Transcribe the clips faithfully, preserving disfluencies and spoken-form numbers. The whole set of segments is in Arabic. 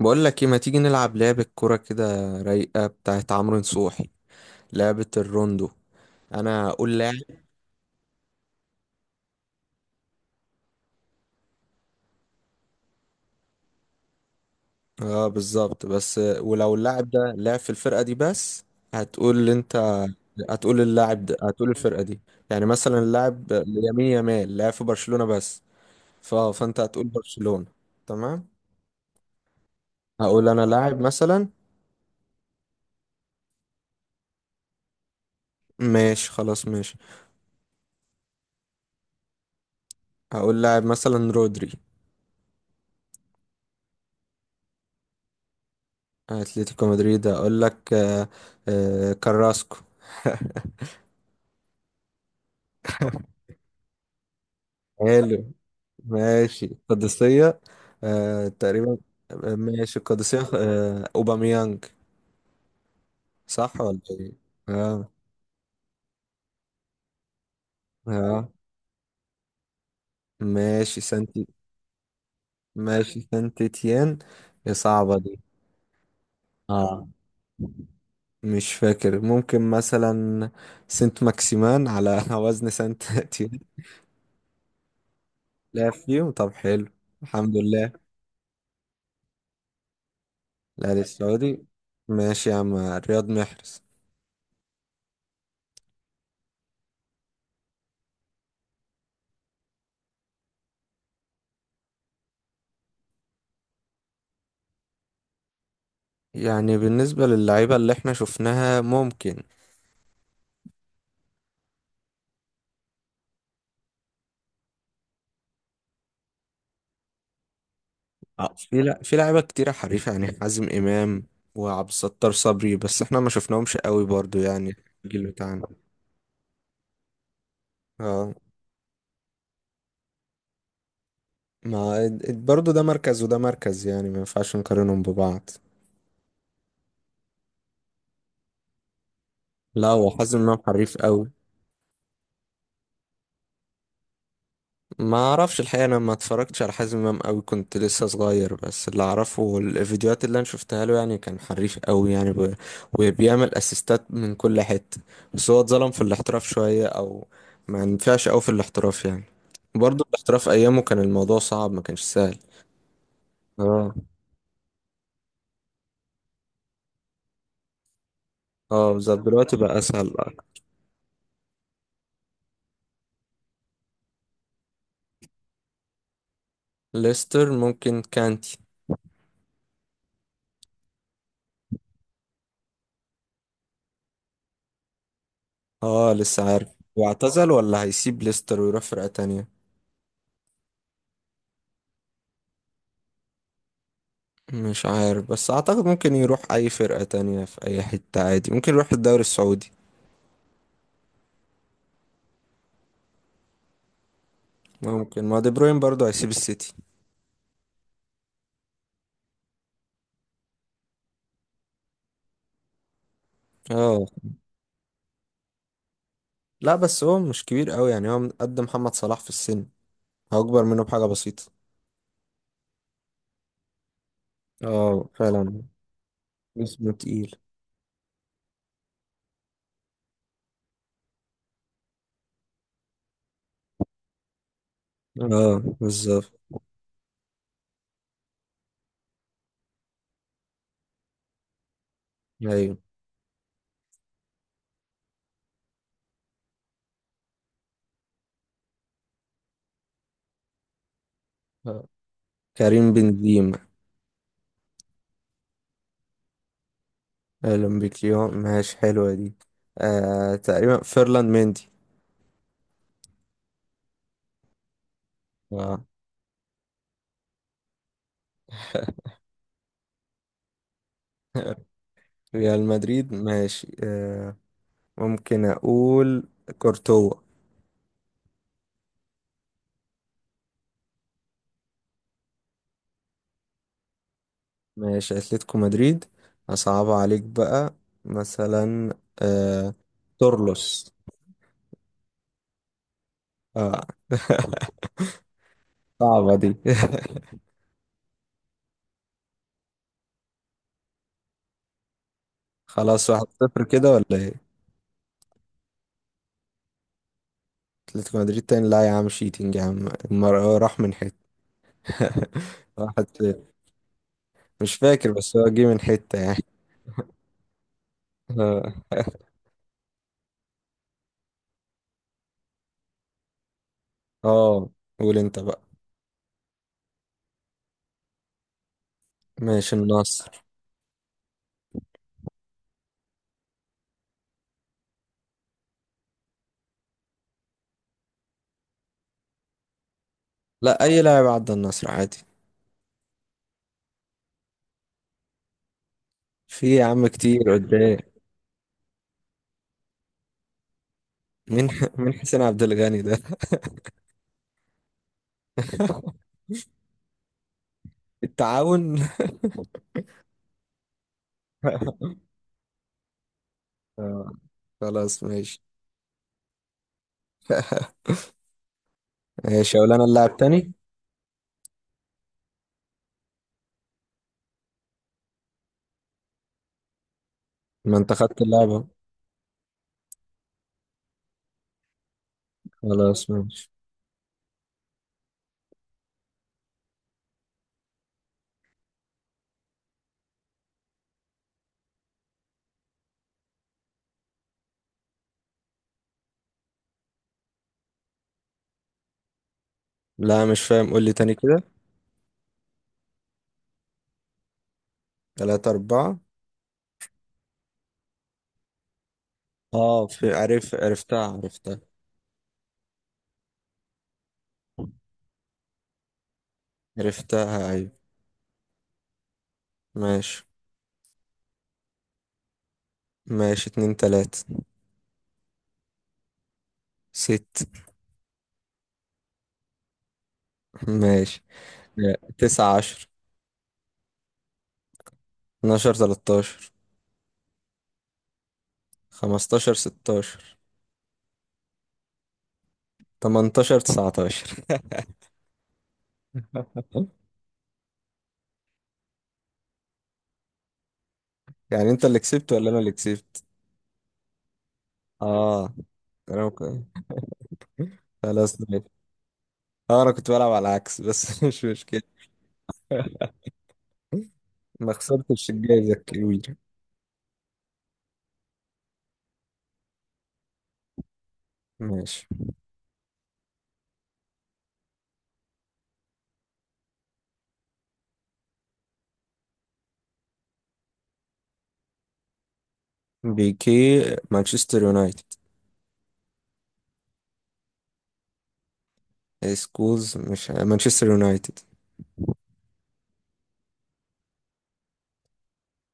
بقول لك ايه ما تيجي نلعب لعبة كرة كده رايقة بتاعت عمرو نصوحي، لعبة الروندو. انا اقول لاعب. اه بالظبط، بس ولو اللاعب ده لعب في الفرقة دي بس هتقول انت، هتقول اللاعب ده، هتقول الفرقة دي. يعني مثلا اللاعب يمين يامال لعب في برشلونة بس، ف... فانت هتقول برشلونة. تمام. هقول انا لاعب مثلا. ماشي خلاص ماشي. هقول لاعب مثلا رودري. اتلتيكو مدريد، هقول لك آه، آه، كراسكو. حلو. ماشي القادسية. آه تقريبا. آه، ماشي القادسية آه أوباميانج. صح ولا إيه؟ آه. آه ماشي سانتي. ماشي سانتيتيان. هي صعبة دي. آه مش فاكر، ممكن مثلا سنت ماكسيمان على وزن سانت تيان. لا فيهم، طب حلو. الحمد لله. الأهلي السعودي. ماشي يا عم رياض محرز. يعني بالنسبة للعيبة اللي احنا شفناها ممكن. اه في، لا في لعيبه كتيره حريفه، يعني حازم امام وعبد الستار صبري، بس احنا ما شفناهمش قوي برضو يعني. الجيل بتاعنا. اه ما اد- اد- برضو ده مركز وده مركز، يعني ما ينفعش نقارنهم ببعض. لا هو حازم امام حريف قوي. ما اعرفش الحقيقه، انا ما اتفرجتش على حازم امام قوي، كنت لسه صغير، بس اللي اعرفه الفيديوهات اللي انا شفتها له يعني كان حريف قوي يعني ب... وبيعمل اسيستات من كل حته. بس هو اتظلم في الاحتراف شويه، او ما ينفعش قوي في الاحتراف يعني. برضه الاحتراف ايامه كان الموضوع صعب، ما كانش سهل. اه. اه بالظبط، دلوقتي بقى اسهل. ليستر ممكن كانتي. اه لسه عارف. واعتزل ولا هيسيب ليستر ويروح فرقه تانية؟ مش عارف، بس اعتقد ممكن يروح اي فرقة تانية في اي حتة عادي، ممكن يروح الدوري السعودي. ممكن، ما دي بروين برضه هيسيب السيتي. اه. لا بس هو مش كبير قوي يعني، هو قد محمد صلاح في السن، هو اكبر منه بحاجة بسيطة. اه فعلا. جسمه تقيل. اه بالظبط. ايوه. آه. كريم بنزيما. اهلا بك اليوم، ماشي حلوة دي. آه تقريبا، فيرلاند مندي. اه. ريال مدريد ماشي آه. ممكن اقول كورتوا. ماشي اتلتيكو مدريد. اصعب عليك بقى مثلا آه... تورلوس. اه. صعبة دي. خلاص واحد صفر كده ولا ايه؟ اتلتيكو مدريد تاني؟ لا يا عم شيتنج يا عم، المر... هو راح من حتة. واحد صفر. مش فاكر، بس هو جه من حتة يعني. اه. آه، قول انت بقى. ماشي النصر. لا اي لاعب عدى النصر عادي. في يا عم كتير قدام. مين؟ مين حسين عبد الغني ده؟ التعاون. آه. خلاص ماشي. ماشي اقول انا اللاعب تاني. ما انت خدت اللعبة. خلاص ماشي. لا مش فاهم، قول لي تاني كده. تلاتة أربعة. اه في، عرف عرفتها عرفتها. عرفتها أيوة. ماشي. ماشي اتنين تلاتة. ست. ماشي. لا، تسعة عشر. اتناشر تلاتاشر. خمستاشر ستاشر. تمنتاشر تسعتاشر. يعني انت اللي كسبت ولا انا اللي كسبت؟ اه. أنا ممكن- خلاص ماشي. اه انا كنت بلعب على العكس، بس مش مشكلة. ما خسرتش الجايزة الكبيرة. ماشي بيكي. مانشستر يونايتد. سكولز مش مانشستر يونايتد.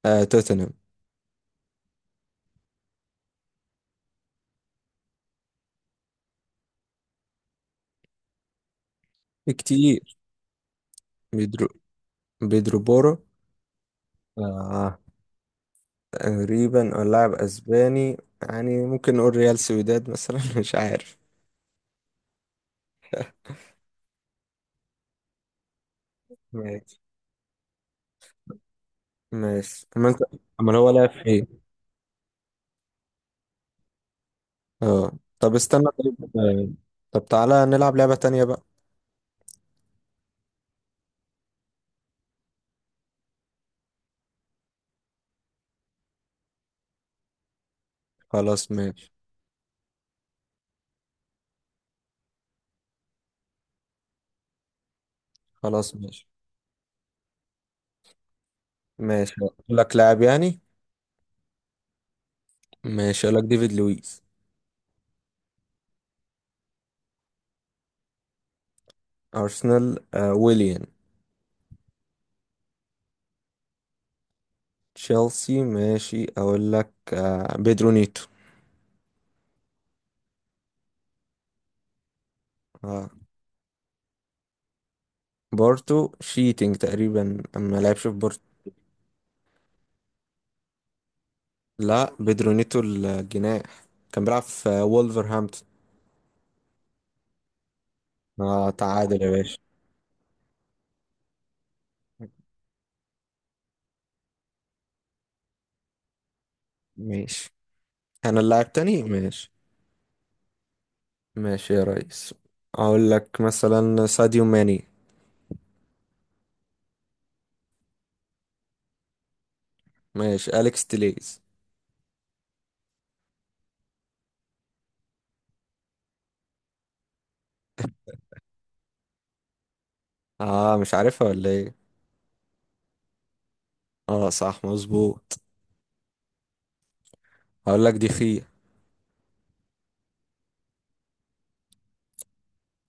آه توتنهام. كتير. بيدرو. بيدرو بورو. آه تقريبا، آه، لاعب اسباني، يعني ممكن نقول ريال سويداد مثلا مش عارف. ماشي. ماشي اما انت، امال هو لعب في ايه؟ اه. طب استنى طيب آه، طب تعالى نلعب لعبة تانية بقى. خلاص ماشي. خلاص ماشي. ماشي أقول لك لاعب يعني. ماشي اقول لك ديفيد لويس. ارسنال. آه ويليان. تشيلسي ماشي، اقول لك آه بيدرو نيتو. آه. بورتو شيتنج تقريبا، اما لعبش في بورتو. لا بيدرو نيتو الجناح، كان بيلعب في آه، وولفرهامبتون. آه تعادل يا باشا. ماشي انا اللاعب تاني. ماشي. ماشي يا ريس، اقول لك مثلا ساديو ماني. ماشي اليكس تيليز. اه مش عارفها ولا ايه؟ اه صح مظبوط. هقول لك دي خيا.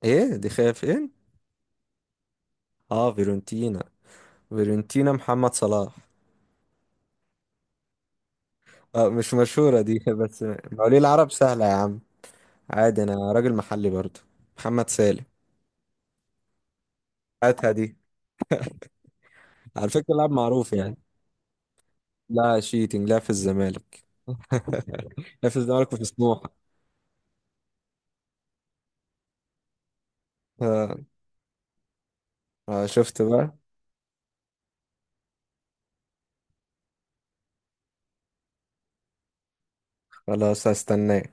ايه دي خيا فين؟ اه فيرونتينا. فيرونتينا محمد صلاح. آه مش مشهورة دي، بس مواليد العرب سهلة يا عم، عادي انا راجل محلي برضو. محمد سالم. هاتها دي، على فكرة لاعب معروف يعني. لا شيتنج، لا في الزمالك. لا في الزمالك وفي سموحة. آه. آه شفت بقى. خلاص هستناه.